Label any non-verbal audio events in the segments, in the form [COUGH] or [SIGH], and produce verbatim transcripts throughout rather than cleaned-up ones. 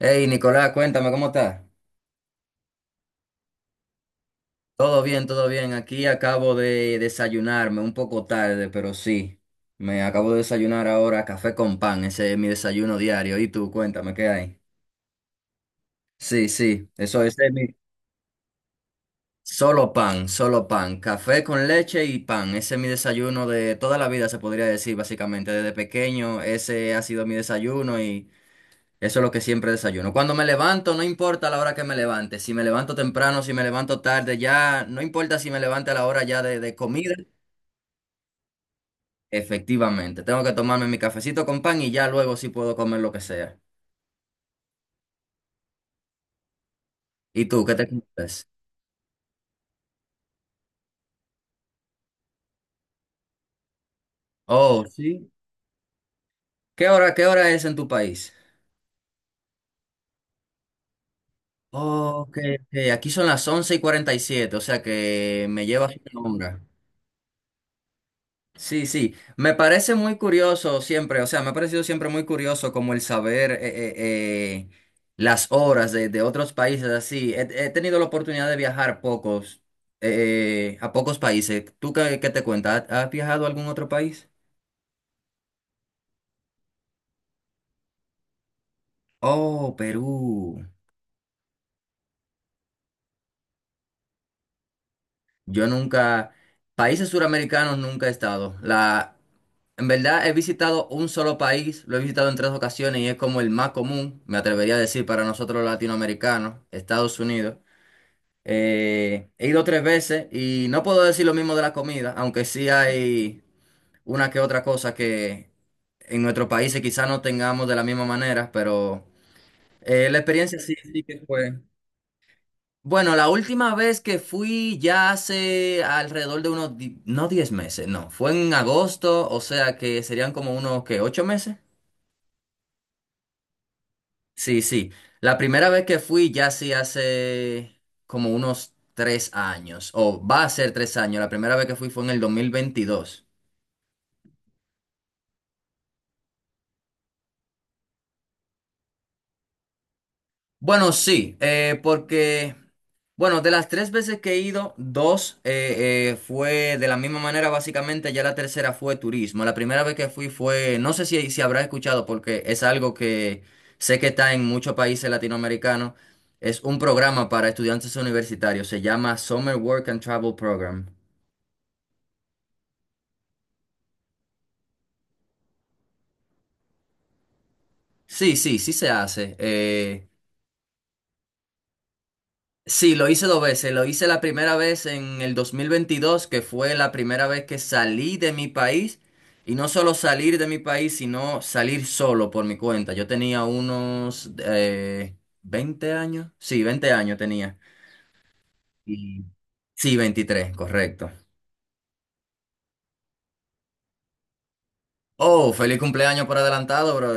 Hey, Nicolás, cuéntame cómo estás. Todo bien, todo bien. Aquí acabo de desayunarme un poco tarde, pero sí. Me acabo de desayunar ahora café con pan. Ese es mi desayuno diario. Y tú, cuéntame, ¿qué hay? Sí, sí, eso ese es mi... Solo pan, solo pan. Café con leche y pan. Ese es mi desayuno de toda la vida, se podría decir, básicamente. Desde pequeño, ese ha sido mi desayuno y Eso es lo que siempre desayuno. Cuando me levanto, no importa la hora que me levante. Si me levanto temprano, si me levanto tarde, ya no importa si me levante a la hora ya de, de comida. Efectivamente, tengo que tomarme mi cafecito con pan y ya luego sí puedo comer lo que sea. ¿Y tú, qué te comes? Oh, sí. ¿Qué hora, qué hora es en tu país? Oh, ok, ok. Aquí son las once y cuarenta y siete, o sea que me llevas una hora. Sí, sí, me parece muy curioso siempre, o sea, me ha parecido siempre muy curioso como el saber, eh, eh, eh, las horas de, de otros países así. He, he tenido la oportunidad de viajar pocos, eh, a pocos países. ¿Tú qué, qué te cuentas? ¿Has has viajado a algún otro país? Oh, Perú. Yo nunca, países suramericanos nunca he estado. La, en verdad he visitado un solo país, lo he visitado en tres ocasiones y es como el más común, me atrevería a decir, para nosotros los latinoamericanos, Estados Unidos. Eh, he ido tres veces y no puedo decir lo mismo de la comida, aunque sí hay una que otra cosa que en nuestros países quizás no tengamos de la misma manera, pero eh, la experiencia sí, sí que fue. Bueno, la última vez que fui ya hace alrededor de unos, di- no, diez meses, no, fue en agosto, o sea que serían como unos, que ocho meses? Sí, sí. La primera vez que fui ya sí hace como unos tres años, o va a ser tres años. La primera vez que fui fue en el dos mil veintidós. Bueno, sí, eh, porque, bueno, de las tres veces que he ido, dos, eh, eh, fue de la misma manera, básicamente, ya la tercera fue turismo. La primera vez que fui fue, no sé si, si habrás escuchado, porque es algo que sé que está en muchos países latinoamericanos, es un programa para estudiantes universitarios, se llama Summer Work and Travel Program. Sí, sí, sí se hace. Eh, sí, lo hice dos veces. Lo hice la primera vez en el dos mil veintidós, que fue la primera vez que salí de mi país. Y no solo salir de mi país, sino salir solo por mi cuenta. Yo tenía unos, eh, veinte años. Sí, veinte años tenía. Y... Sí, veintitrés, correcto. Oh, feliz cumpleaños por adelantado, bro.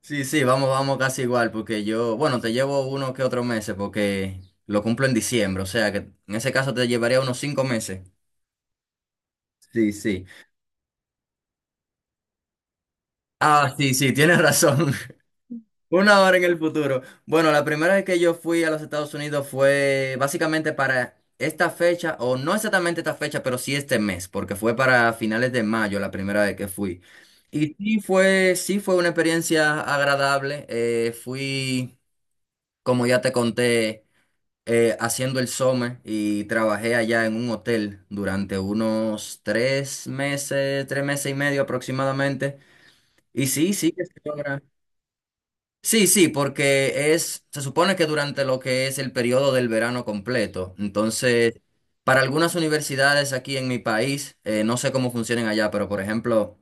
Sí, sí, vamos, vamos casi igual, porque yo, bueno, te llevo unos que otros meses, porque lo cumplo en diciembre, o sea que en ese caso te llevaría unos cinco meses. Sí, sí. Ah, sí, sí, tienes razón. [LAUGHS] Una hora en el futuro. Bueno, la primera vez que yo fui a los Estados Unidos fue básicamente para esta fecha, o no exactamente esta fecha, pero sí este mes, porque fue para finales de mayo la primera vez que fui. Y sí fue, sí fue una experiencia agradable. Eh, fui, como ya te conté. Eh, haciendo el some y trabajé allá en un hotel durante unos tres meses, tres meses y medio aproximadamente. Y sí, sí que se logra. Sí, sí, porque es, se supone que durante lo que es el periodo del verano completo. Entonces, para algunas universidades aquí en mi país, eh, no sé cómo funcionan allá, pero por ejemplo,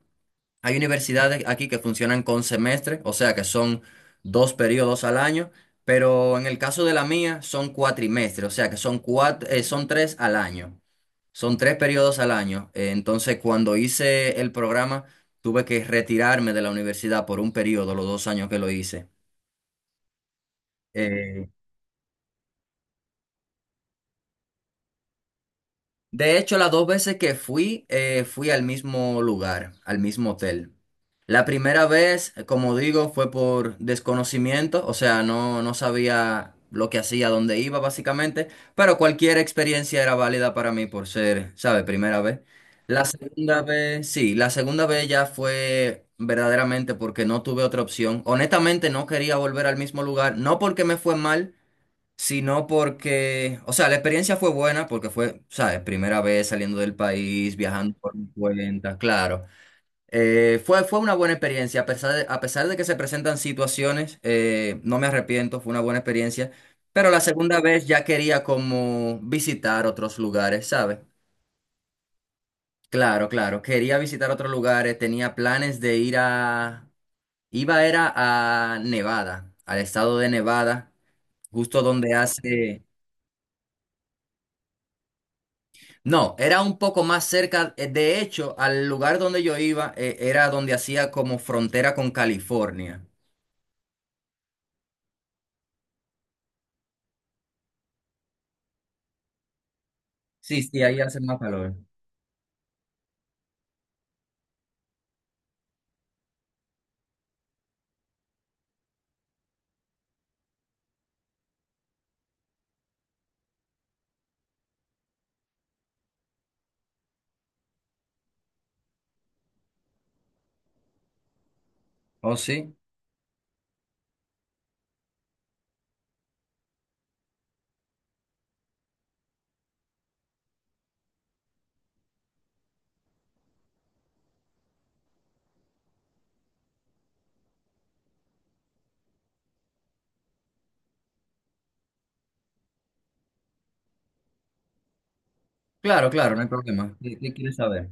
hay universidades aquí que funcionan con semestre, o sea que son dos periodos al año, pero en el caso de la mía son cuatrimestres, o sea que son, cuat- eh, son tres al año. Son tres periodos al año. Eh, entonces, cuando hice el programa, tuve que retirarme de la universidad por un periodo, los dos años que lo hice. Eh, De hecho, las dos veces que fui, eh, fui al mismo lugar, al mismo hotel. La primera vez, eh, como digo, fue por desconocimiento, o sea, no, no sabía lo que hacía, dónde iba, básicamente, pero cualquier experiencia era válida para mí por ser, ¿sabe? Primera vez. La segunda vez, sí, la segunda vez ya fue verdaderamente porque no tuve otra opción. Honestamente, no quería volver al mismo lugar, no porque me fue mal, sino porque, o sea, la experiencia fue buena porque fue, ¿sabes? Primera vez saliendo del país, viajando por mi cuenta, claro. Eh, fue, fue una buena experiencia, a pesar de, a pesar de que se presentan situaciones, eh, no me arrepiento, fue una buena experiencia, pero la segunda vez ya quería como visitar otros lugares, ¿sabes? Claro, claro, quería visitar otros lugares, tenía planes de ir a, iba era a Nevada, al estado de Nevada, justo donde hace... No, era un poco más cerca. eh, De hecho, al lugar donde yo iba, eh, era donde hacía como frontera con California. Sí, sí, ahí hace más calor. ¿Oh, sí? Claro, claro, no hay problema. ¿Qué, qué quieres saber?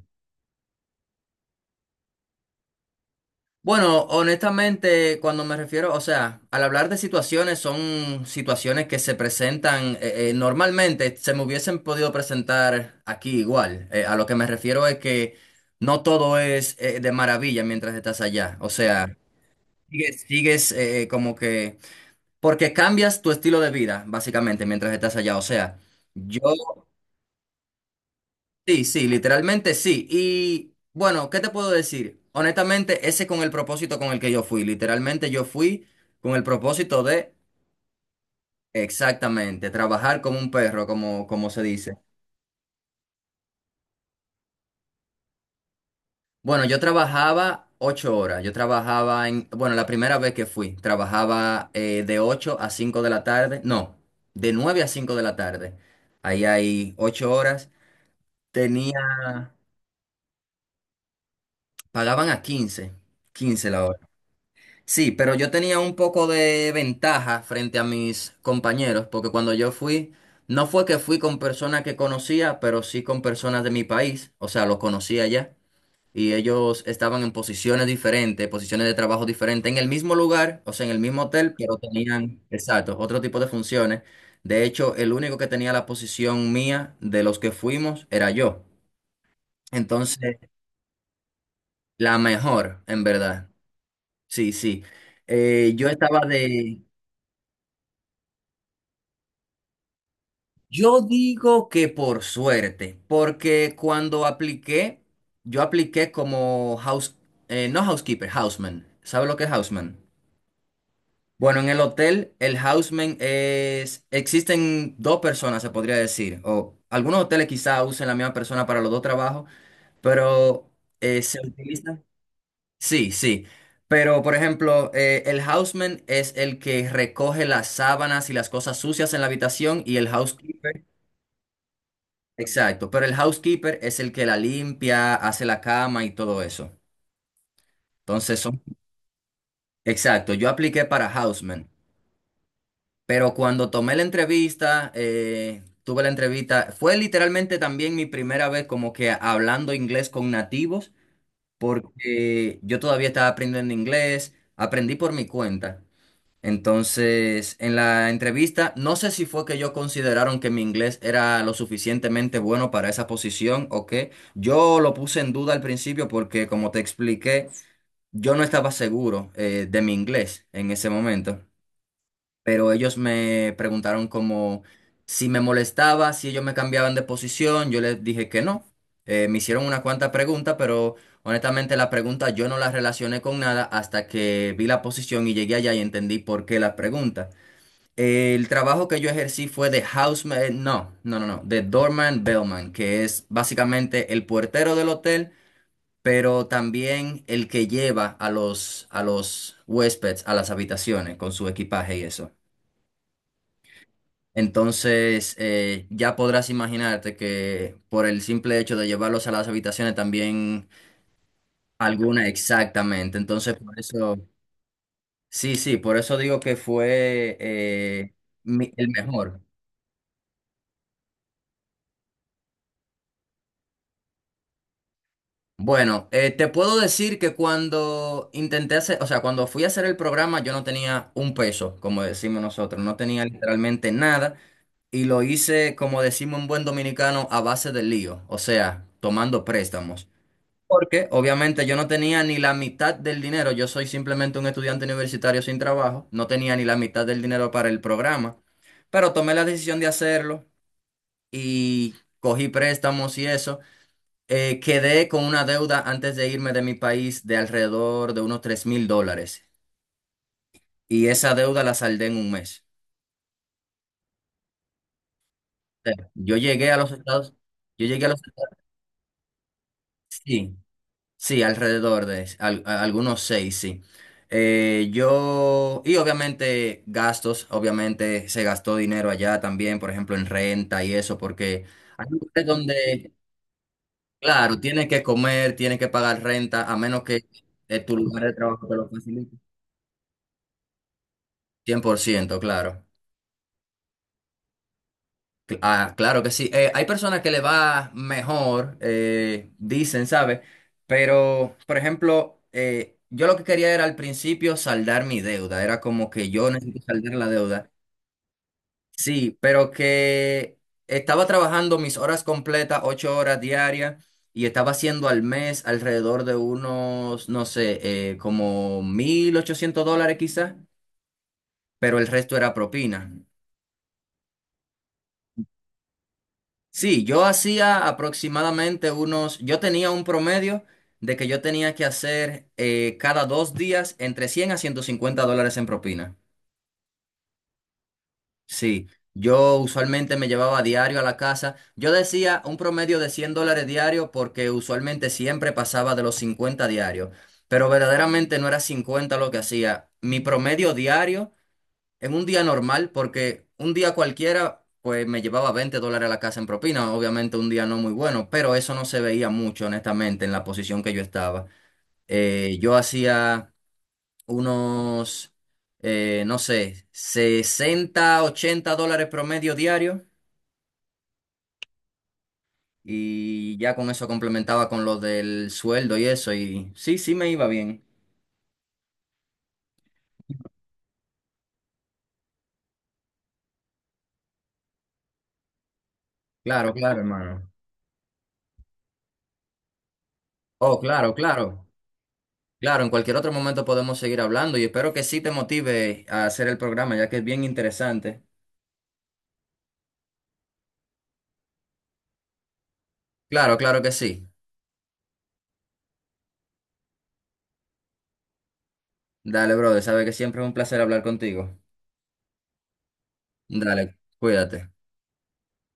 Bueno, honestamente, cuando me refiero, o sea, al hablar de situaciones, son situaciones que se presentan, eh, eh, normalmente, se me hubiesen podido presentar aquí igual. Eh, a lo que me refiero es que no todo es, eh, de maravilla mientras estás allá. O sea, sigues, sigues, eh, eh, como que... Porque cambias tu estilo de vida, básicamente, mientras estás allá. O sea, yo, sí, sí, literalmente sí. Y bueno, ¿qué te puedo decir? Honestamente, ese con el propósito con el que yo fui. Literalmente yo fui con el propósito de, exactamente, trabajar como un perro, como, como se dice. Bueno, yo trabajaba ocho horas. Yo trabajaba en, bueno, la primera vez que fui, trabajaba, eh, de ocho a cinco de la tarde. No, de nueve a cinco de la tarde. Ahí hay ocho horas. Tenía... Pagaban a quince, quince la hora. Sí, pero yo tenía un poco de ventaja frente a mis compañeros, porque cuando yo fui, no fue que fui con personas que conocía, pero sí con personas de mi país, o sea, los conocía ya, y ellos estaban en posiciones diferentes, posiciones de trabajo diferentes, en el mismo lugar, o sea, en el mismo hotel, pero tenían, exacto, otro tipo de funciones. De hecho, el único que tenía la posición mía de los que fuimos era yo. Entonces, la mejor, en verdad. Sí, sí. Eh, yo estaba de... Yo digo que por suerte, porque cuando apliqué, yo apliqué como house..., eh, no, housekeeper, houseman. ¿Sabe lo que es houseman? Bueno, en el hotel, el houseman es... Existen dos personas, se podría decir. O algunos hoteles quizá usen la misma persona para los dos trabajos, pero eh, se utiliza... Sí, sí. Pero, por ejemplo, eh, el houseman es el que recoge las sábanas y las cosas sucias en la habitación, y el housekeeper. Exacto. Pero el housekeeper es el que la limpia, hace la cama y todo eso. Entonces son... Exacto. Yo apliqué para houseman. Pero cuando tomé la entrevista, eh, tuve la entrevista, fue literalmente también mi primera vez como que hablando inglés con nativos, porque yo todavía estaba aprendiendo inglés, aprendí por mi cuenta. Entonces, en la entrevista, no sé si fue que yo consideraron que mi inglés era lo suficientemente bueno para esa posición o qué. Yo lo puse en duda al principio porque, como te expliqué, yo no estaba seguro, eh, de mi inglés en ese momento. Pero ellos me preguntaron como si me molestaba, si ellos me cambiaban de posición. Yo les dije que no. Eh, me hicieron una cuanta pregunta, pero honestamente, la pregunta yo no la relacioné con nada hasta que vi la posición y llegué allá y entendí por qué la pregunta. El trabajo que yo ejercí fue de houseman, eh, no, no, no, no, de doorman bellman, que es básicamente el puertero del hotel, pero también el que lleva a los, a los huéspedes a las habitaciones con su equipaje y eso. Entonces, eh, ya podrás imaginarte que por el simple hecho de llevarlos a las habitaciones también alguna, exactamente. Entonces, por eso, sí, sí, por eso digo que fue, eh, mi- el mejor. Bueno, eh, te puedo decir que cuando intenté hacer, o sea, cuando fui a hacer el programa, yo no tenía un peso, como decimos nosotros, no tenía literalmente nada, y lo hice, como decimos en buen dominicano, a base de lío, o sea, tomando préstamos. Porque obviamente yo no tenía ni la mitad del dinero, yo soy simplemente un estudiante universitario sin trabajo, no tenía ni la mitad del dinero para el programa, pero tomé la decisión de hacerlo y cogí préstamos y eso. Eh, quedé con una deuda antes de irme de mi país de alrededor de unos tres mil dólares, y esa deuda la saldé en un mes. sea, Yo llegué a los Estados, yo llegué a los Estados, sí, sí, alrededor de al- a- algunos seis, sí. Eh, yo, y obviamente gastos, obviamente se gastó dinero allá también, por ejemplo, en renta y eso, porque hay lugares donde, claro, tienes que comer, tienes que pagar renta, a menos que eh, tu lugar de trabajo te lo facilite. Cien por ciento, claro. Cl- Ah, claro que sí. Eh, hay personas que le va mejor, eh, dicen, ¿sabes? Pero, por ejemplo, eh, yo lo que quería era al principio saldar mi deuda. Era como que yo necesito saldar la deuda. Sí, pero que estaba trabajando mis horas completas, ocho horas diarias, y estaba haciendo al mes alrededor de unos, no sé, eh, como mil ochocientos dólares quizás, pero el resto era propina. Sí, yo hacía aproximadamente unos, yo tenía un promedio de que yo tenía que hacer, eh, cada dos días, entre cien a ciento cincuenta dólares en propina. Sí, yo usualmente me llevaba diario a la casa. Yo decía un promedio de cien dólares diario porque usualmente siempre pasaba de los cincuenta diarios, pero verdaderamente no era cincuenta lo que hacía. Mi promedio diario en un día normal, porque un día cualquiera, pues me llevaba veinte dólares a la casa en propina. Obviamente un día no muy bueno, pero eso no se veía mucho, honestamente, en la posición que yo estaba. Eh, yo hacía unos, eh, no sé, sesenta, ochenta dólares promedio diario, y ya con eso complementaba con lo del sueldo y eso. Y sí, sí me iba bien. Claro, claro, hermano. Oh, claro, claro. Claro, en cualquier otro momento podemos seguir hablando y espero que sí te motive a hacer el programa, ya que es bien interesante. Claro, claro que sí. Dale, brother, sabe que siempre es un placer hablar contigo. Dale, cuídate.